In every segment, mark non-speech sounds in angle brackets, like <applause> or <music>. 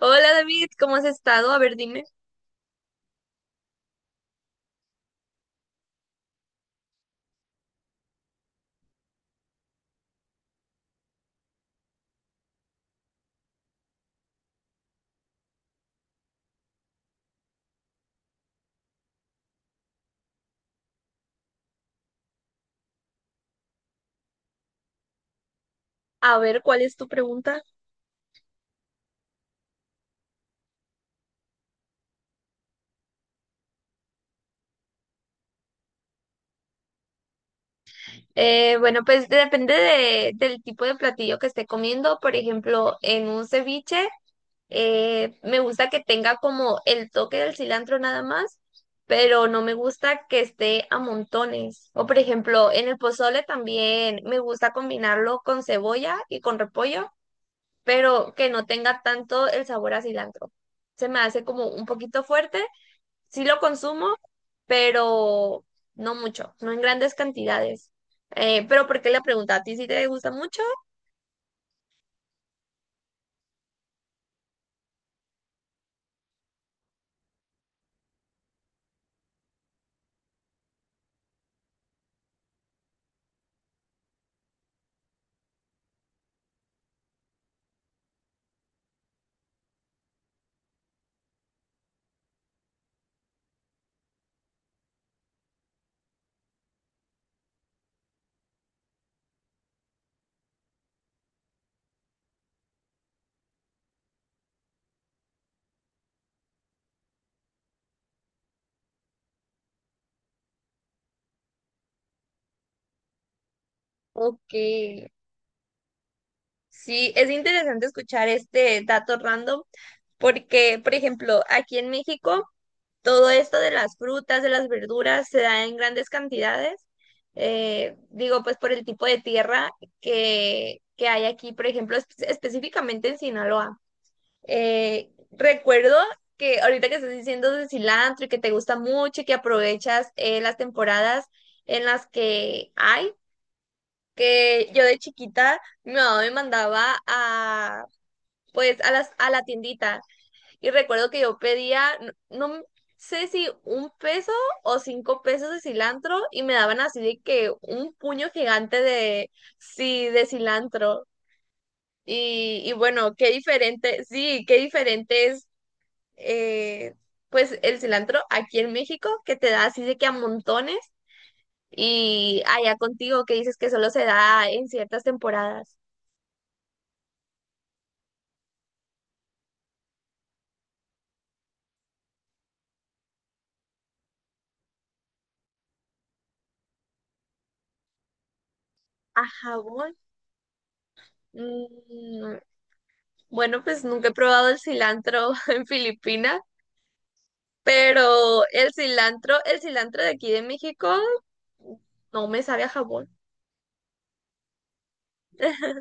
Hola David, ¿cómo has estado? A ver, dime, a ver, ¿cuál es tu pregunta? Bueno, pues depende del tipo de platillo que esté comiendo. Por ejemplo, en un ceviche, me gusta que tenga como el toque del cilantro nada más, pero no me gusta que esté a montones. O por ejemplo, en el pozole también me gusta combinarlo con cebolla y con repollo, pero que no tenga tanto el sabor a cilantro. Se me hace como un poquito fuerte, sí lo consumo, pero no mucho, no en grandes cantidades. Pero ¿por qué la pregunta? ¿A ti sí te gusta mucho? Ok. Sí, es interesante escuchar este dato random porque, por ejemplo, aquí en México, todo esto de las frutas, de las verduras, se da en grandes cantidades. Digo, pues por el tipo de tierra que hay aquí, por ejemplo, específicamente en Sinaloa. Recuerdo que ahorita que estás diciendo de cilantro y que te gusta mucho y que aprovechas las temporadas en las que hay, que yo de chiquita mi mamá me mandaba a pues a las a la tiendita y recuerdo que yo pedía, no sé si 1 peso o 5 pesos de cilantro y me daban así de que un puño gigante de sí de cilantro y bueno, qué diferente, sí, qué diferente es, eh, pues el cilantro aquí en México, que te da así de que a montones, y allá contigo que dices que solo se da en ciertas temporadas. ¿A jabón? mm, bueno, pues nunca he probado el cilantro <laughs> en Filipinas, pero el cilantro de aquí de México no me sabe a jabón. <laughs>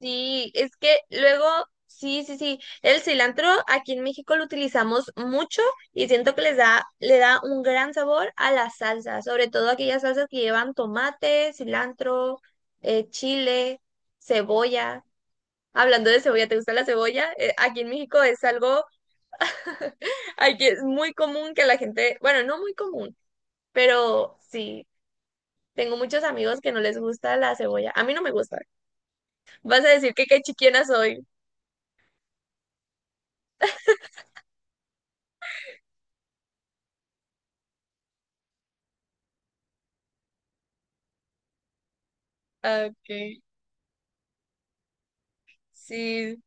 Sí, es que luego, sí, sí, sí, el cilantro aquí en México lo utilizamos mucho y siento que les da, le da un gran sabor a la salsa, sobre todo aquellas salsas que llevan tomate, cilantro, chile, cebolla. Hablando de cebolla, ¿te gusta la cebolla? Aquí en México es algo… <laughs> Aquí es muy común que la gente, bueno, no muy común, pero sí, tengo muchos amigos que no les gusta la cebolla. A mí no me gusta. Vas a decir que qué chiquiana soy. Ah, ok. Sí,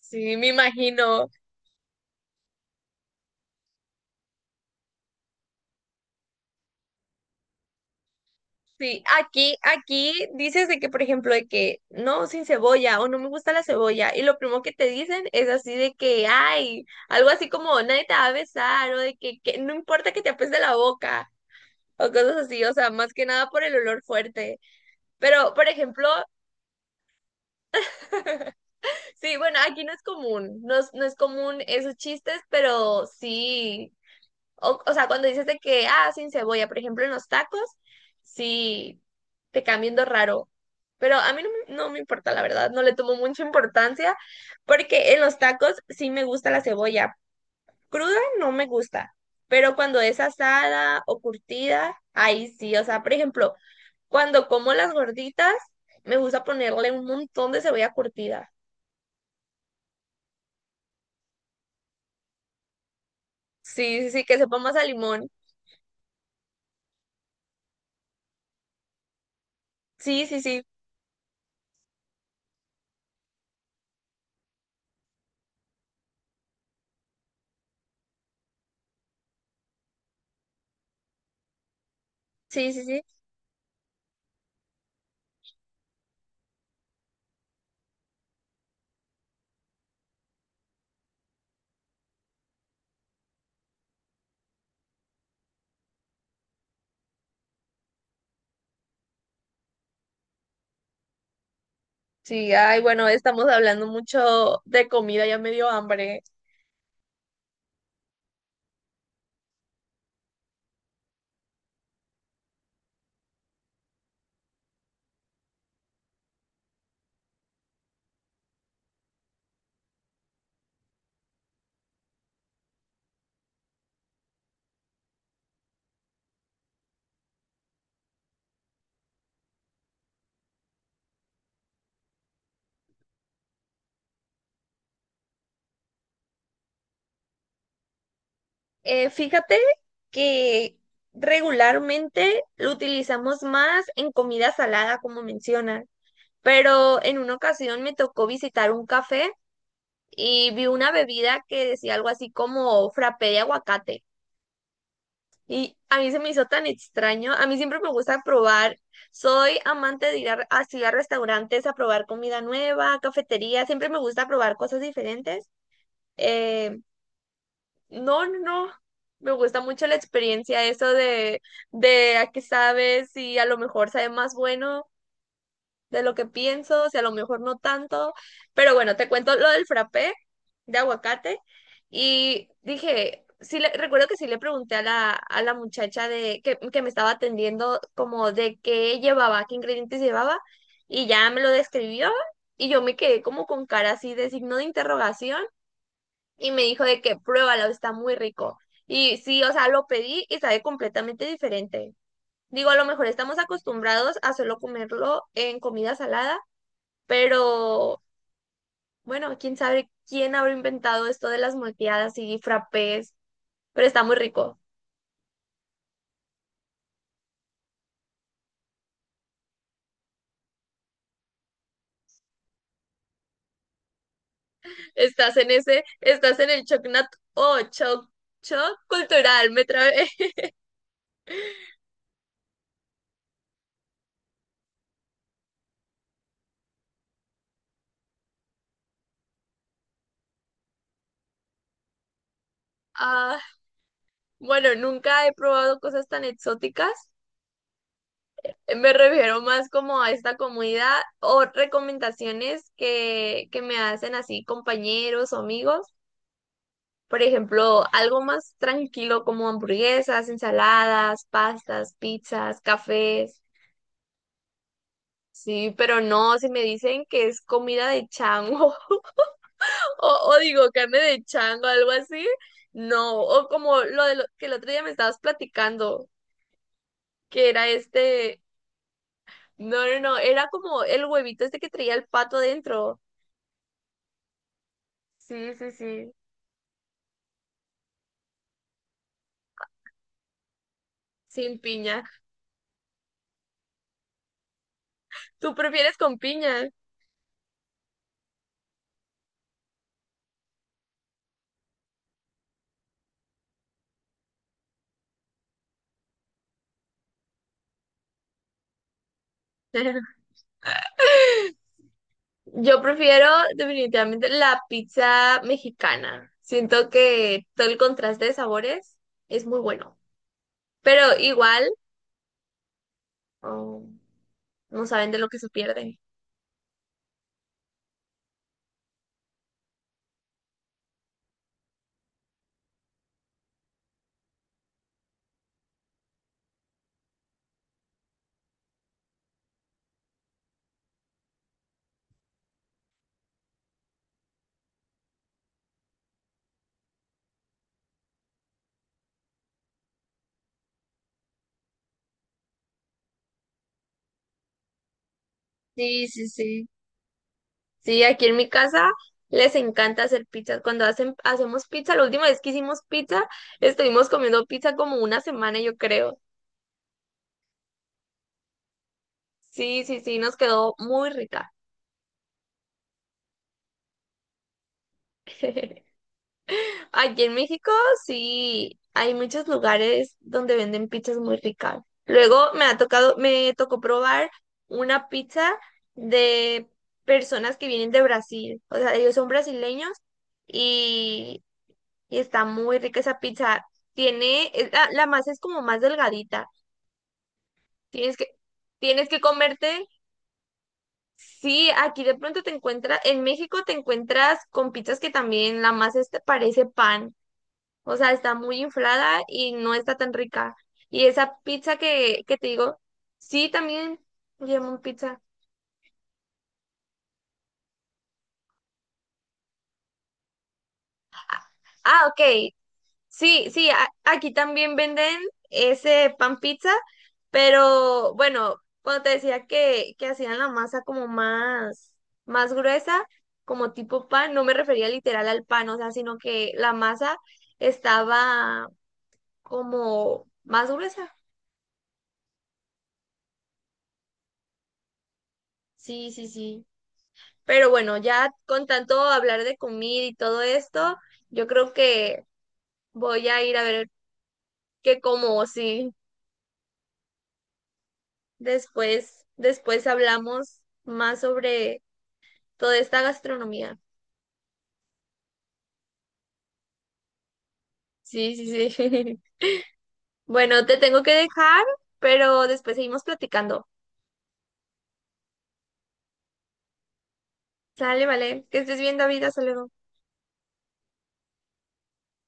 sí, me imagino. Sí, aquí, aquí dices de que, por ejemplo, de que no, sin cebolla o no me gusta la cebolla. Y lo primero que te dicen es así de que, ay, algo así como nadie te va a besar o de que no importa que te apeste la boca o cosas así. O sea, más que nada por el olor fuerte. Pero, por ejemplo, sí, bueno, aquí no es común, no es común esos chistes, pero sí. O sea, cuando dices de que, ah, sin cebolla, por ejemplo, en los tacos, sí te cambiando raro. Pero a mí no me importa, la verdad, no le tomo mucha importancia, porque en los tacos sí me gusta la cebolla. Cruda no me gusta, pero cuando es asada o curtida, ahí sí. O sea, por ejemplo, cuando como las gorditas, me gusta ponerle un montón de cebolla curtida. Sí, sí, sí, que sepa más a limón. Sí, sí, sí, sí, sí, sí. Sí, ay, bueno, estamos hablando mucho de comida, ya me dio hambre. Fíjate que regularmente lo utilizamos más en comida salada, como mencionan, pero en una ocasión me tocó visitar un café y vi una bebida que decía algo así como frappé de aguacate. Y a mí se me hizo tan extraño. A mí siempre me gusta probar. Soy amante de ir así a restaurantes a probar comida nueva, cafetería. Siempre me gusta probar cosas diferentes. eh, No, no, no. Me gusta mucho la experiencia, de a qué sabes, si a lo mejor sabe más bueno de lo que pienso, si a lo mejor no tanto. Pero bueno, te cuento lo del frappé de aguacate. Y dije, recuerdo que sí le pregunté a la muchacha que me estaba atendiendo como de qué llevaba, qué ingredientes llevaba, y ya me lo describió, y yo me quedé como con cara así de signo de interrogación y me dijo de que pruébalo, está muy rico. Y sí, o sea, lo pedí y sabe completamente diferente. Digo, a lo mejor estamos acostumbrados a solo comerlo en comida salada, pero bueno, quién sabe quién habrá inventado esto de las molteadas y frappés, pero está muy rico. Estás en el choc nat o choc, choc cultural, me trabé. <laughs> Ah, bueno, nunca he probado cosas tan exóticas. Me refiero más como a esta comunidad o recomendaciones que me hacen así compañeros o amigos. Por ejemplo, algo más tranquilo como hamburguesas, ensaladas, pastas, pizzas, cafés. Sí, pero no, si me dicen que es comida de chango <laughs> o digo carne de chango, algo así, no. O como lo, de lo que el otro día me estabas platicando, que era este, no, no, no, era como el huevito este que traía el pato dentro. Sí, sí, sí, sin piña. ¿Tú prefieres con piña? <laughs> Yo prefiero definitivamente la pizza mexicana. Siento que todo el contraste de sabores es muy bueno, pero igual, oh, no saben de lo que se pierden. Sí, sí, sí. Sí, aquí en mi casa les encanta hacer pizzas. Cuando hacen, hacemos pizza, la última vez que hicimos pizza, estuvimos comiendo pizza como una semana, yo creo. Sí, sí, sí, nos quedó muy rica. <laughs> Aquí en México sí hay muchos lugares donde venden pizzas muy ricas. Luego me tocó probar una pizza de personas que vienen de Brasil. O sea, ellos son brasileños y, y está muy rica esa pizza. Es la masa es como más delgadita. Tienes que, tienes que comerte. Sí, aquí de pronto te encuentras, en México te encuentras con pizzas que también la masa este parece pan. O sea, está muy inflada y no está tan rica. Y esa pizza que te digo, sí, también llaman pizza. Ah, ok. Sí, sí, aquí también venden ese pan pizza, pero bueno, cuando te decía que hacían la masa como más gruesa, como tipo pan, no me refería literal al pan, o sea, sino que la masa estaba como más gruesa. Sí, sí, sí. Pero bueno, ya con tanto hablar de comida y todo esto, yo creo que voy a ir a ver qué como, sí. Después, después hablamos más sobre toda esta gastronomía. Sí, sí, sí. <laughs> Bueno, te tengo que dejar, pero después seguimos platicando. Sale, vale. Que estés bien, David. Hasta luego.